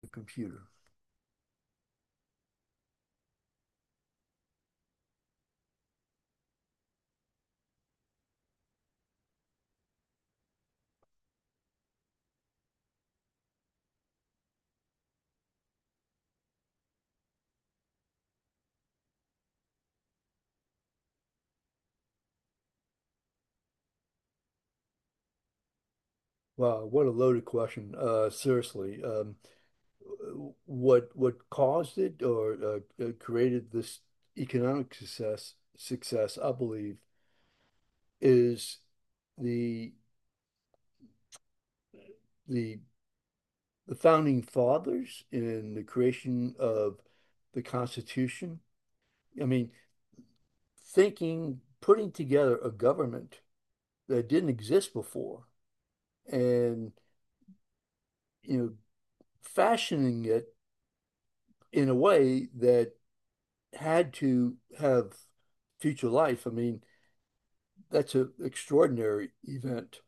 The computer. Wow, what a loaded question. Seriously, what caused it or created this economic success, I believe, is the the the founding fathers in the creation of the Constitution. I mean, thinking, putting together a government that didn't exist before, and you know, fashioning it in a way that had to have future life. I mean, that's an extraordinary event.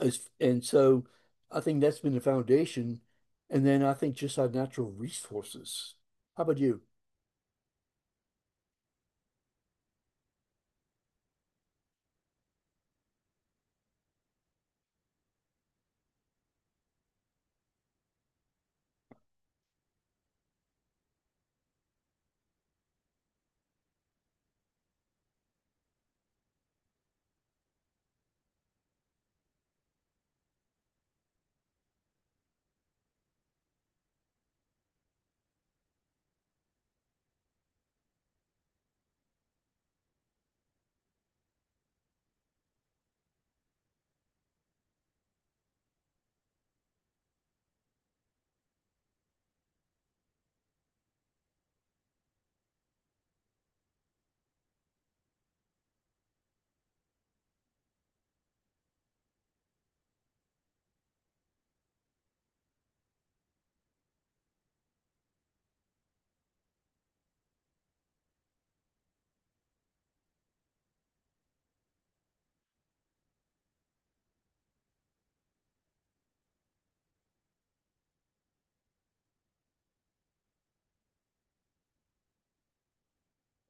And so I think that's been the foundation. And then I think just our natural resources. How about you?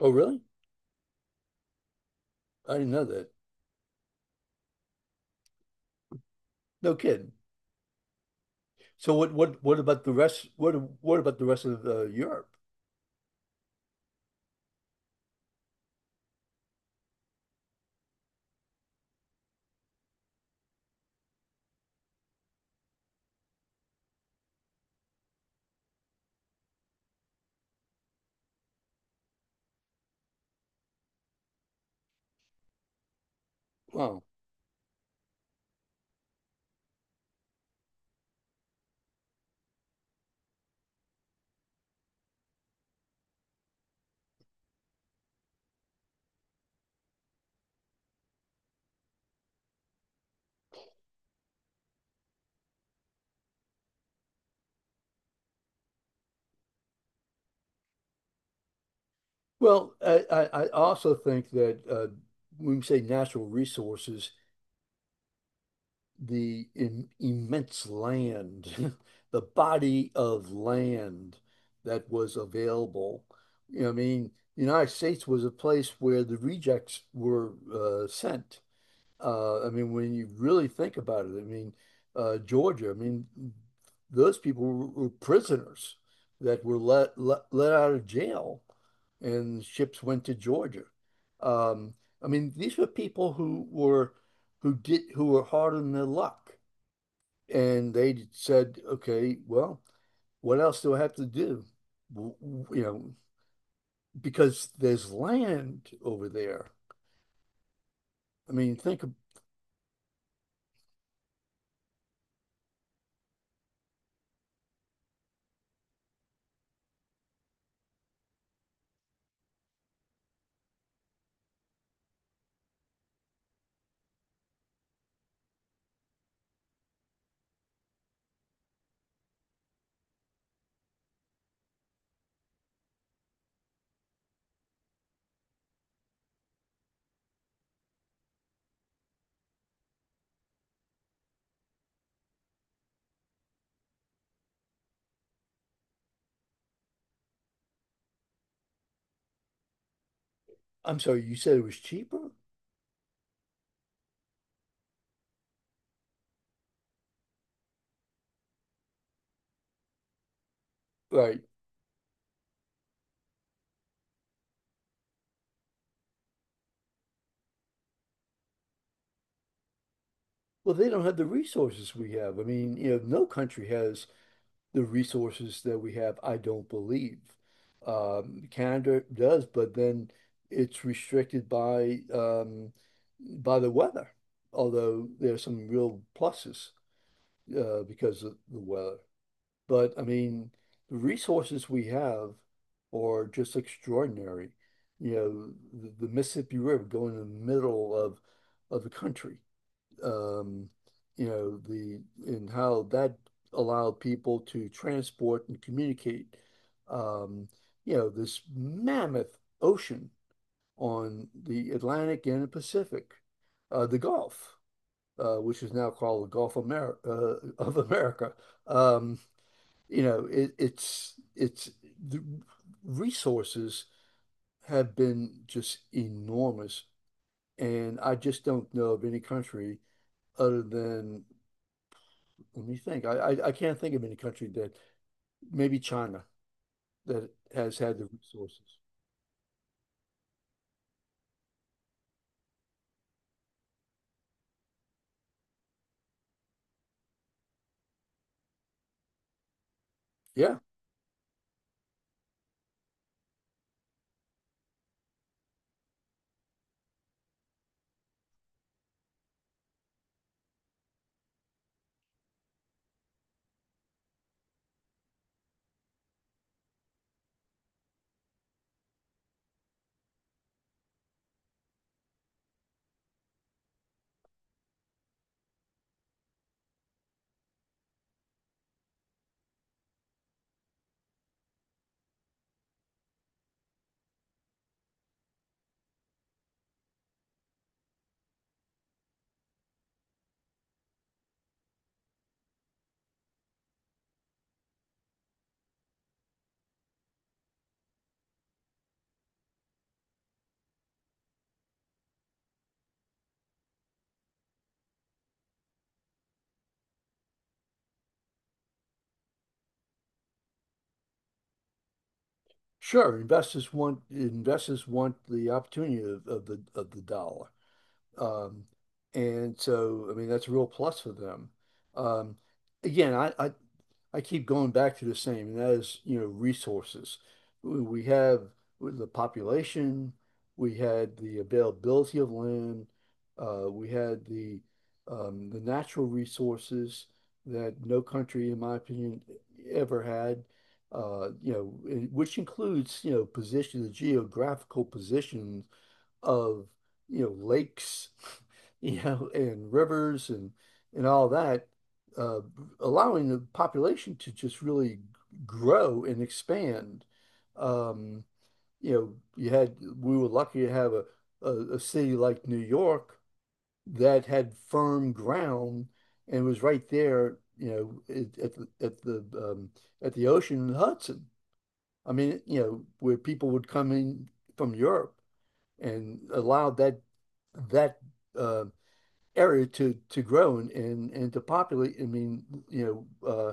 Oh, really? I didn't know that. No kidding. So what what about the rest? What about the rest of Europe? Wow. Well, I also think that when we say natural resources, the im immense land, the body of land that was available. You know, I mean, the United States was a place where the rejects were sent. I mean, when you really think about it, I mean, Georgia, I mean, those people were prisoners that were let out of jail, and ships went to Georgia. Um, I mean, these were people who were who did who were hard on their luck, and they said, "Okay, well, what else do I have to do?" You know, because there's land over there. I mean, think. Of- I'm sorry, you said it was cheaper, right? Well, they don't have the resources we have. I mean, you know, no country has the resources that we have, I don't believe. Canada does, but then it's restricted by the weather, although there's some real pluses because of the weather. But I mean, the resources we have are just extraordinary. You know, the Mississippi River going in the middle of the country um, you know, the and how that allowed people to transport and communicate, um, you know, this mammoth ocean on the Atlantic and the Pacific, the Gulf, which is now called the Gulf Amer of America. Um, you know, it's the resources have been just enormous, and I just don't know of any country other than Let me think. I can't think of any country that, maybe China, that has had the resources. Yeah, sure. Investors want the opportunity of the dollar. Um, and so, I mean, that's a real plus for them. Um, again, I keep going back to the same, and that is, you know, resources. We have the population, we had the availability of land, we had the natural resources that no country, in my opinion, ever had. You know, which includes, you know, position, the geographical position of you know lakes, you know, and rivers and all that, uh, allowing the population to just really grow and expand. Um, you know, you had we were lucky to have a city like New York that had firm ground and was right there, you know, at the at the at the ocean in Hudson. I mean, you know, where people would come in from Europe and allowed that uh, area to grow and to populate. I mean, you know,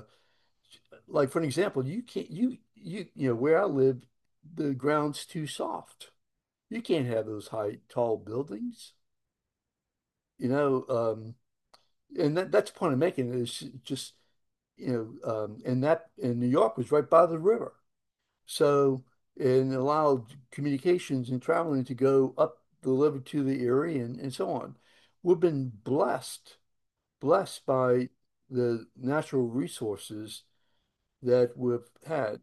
like for an example, you can't you know where I live, the ground's too soft. You can't have those high tall buildings. You know, and that's the point I'm making is just you know, and that and New York was right by the river, so and allowed communications and traveling to go up the river to the Erie and so on. We've been blessed by the natural resources that we've had.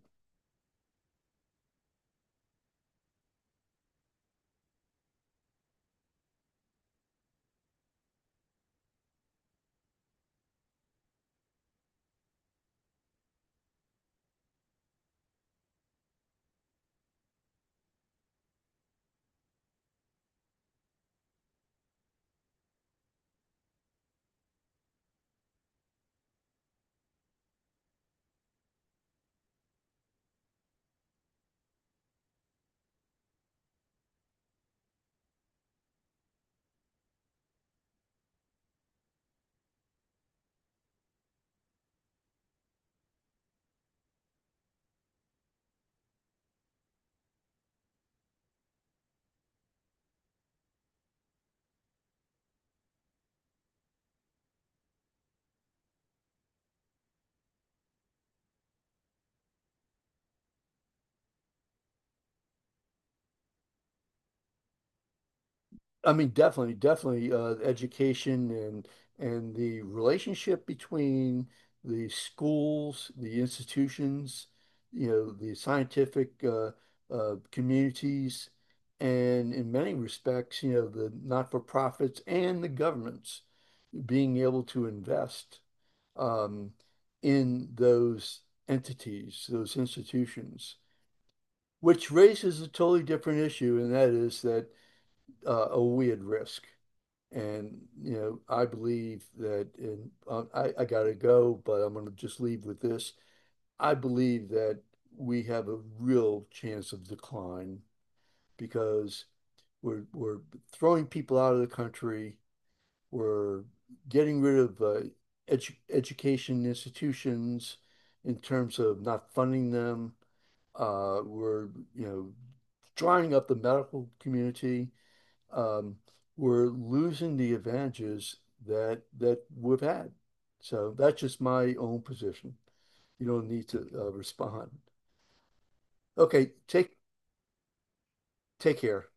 I mean, definitely, definitely, education and the relationship between the schools, the institutions, you know, the scientific communities, and in many respects, you know, the not-for-profits and the governments being able to invest um, in those entities, those institutions. Which raises a totally different issue, and that is that are we at risk? And you know, I believe that, and I gotta go, but I'm gonna just leave with this. I believe that we have a real chance of decline because we're throwing people out of the country. We're getting rid of education institutions in terms of not funding them. We're, you know, drying up the medical community. Um, we're losing the advantages that we've had. So that's just my own position. You don't need to respond. Okay, take care.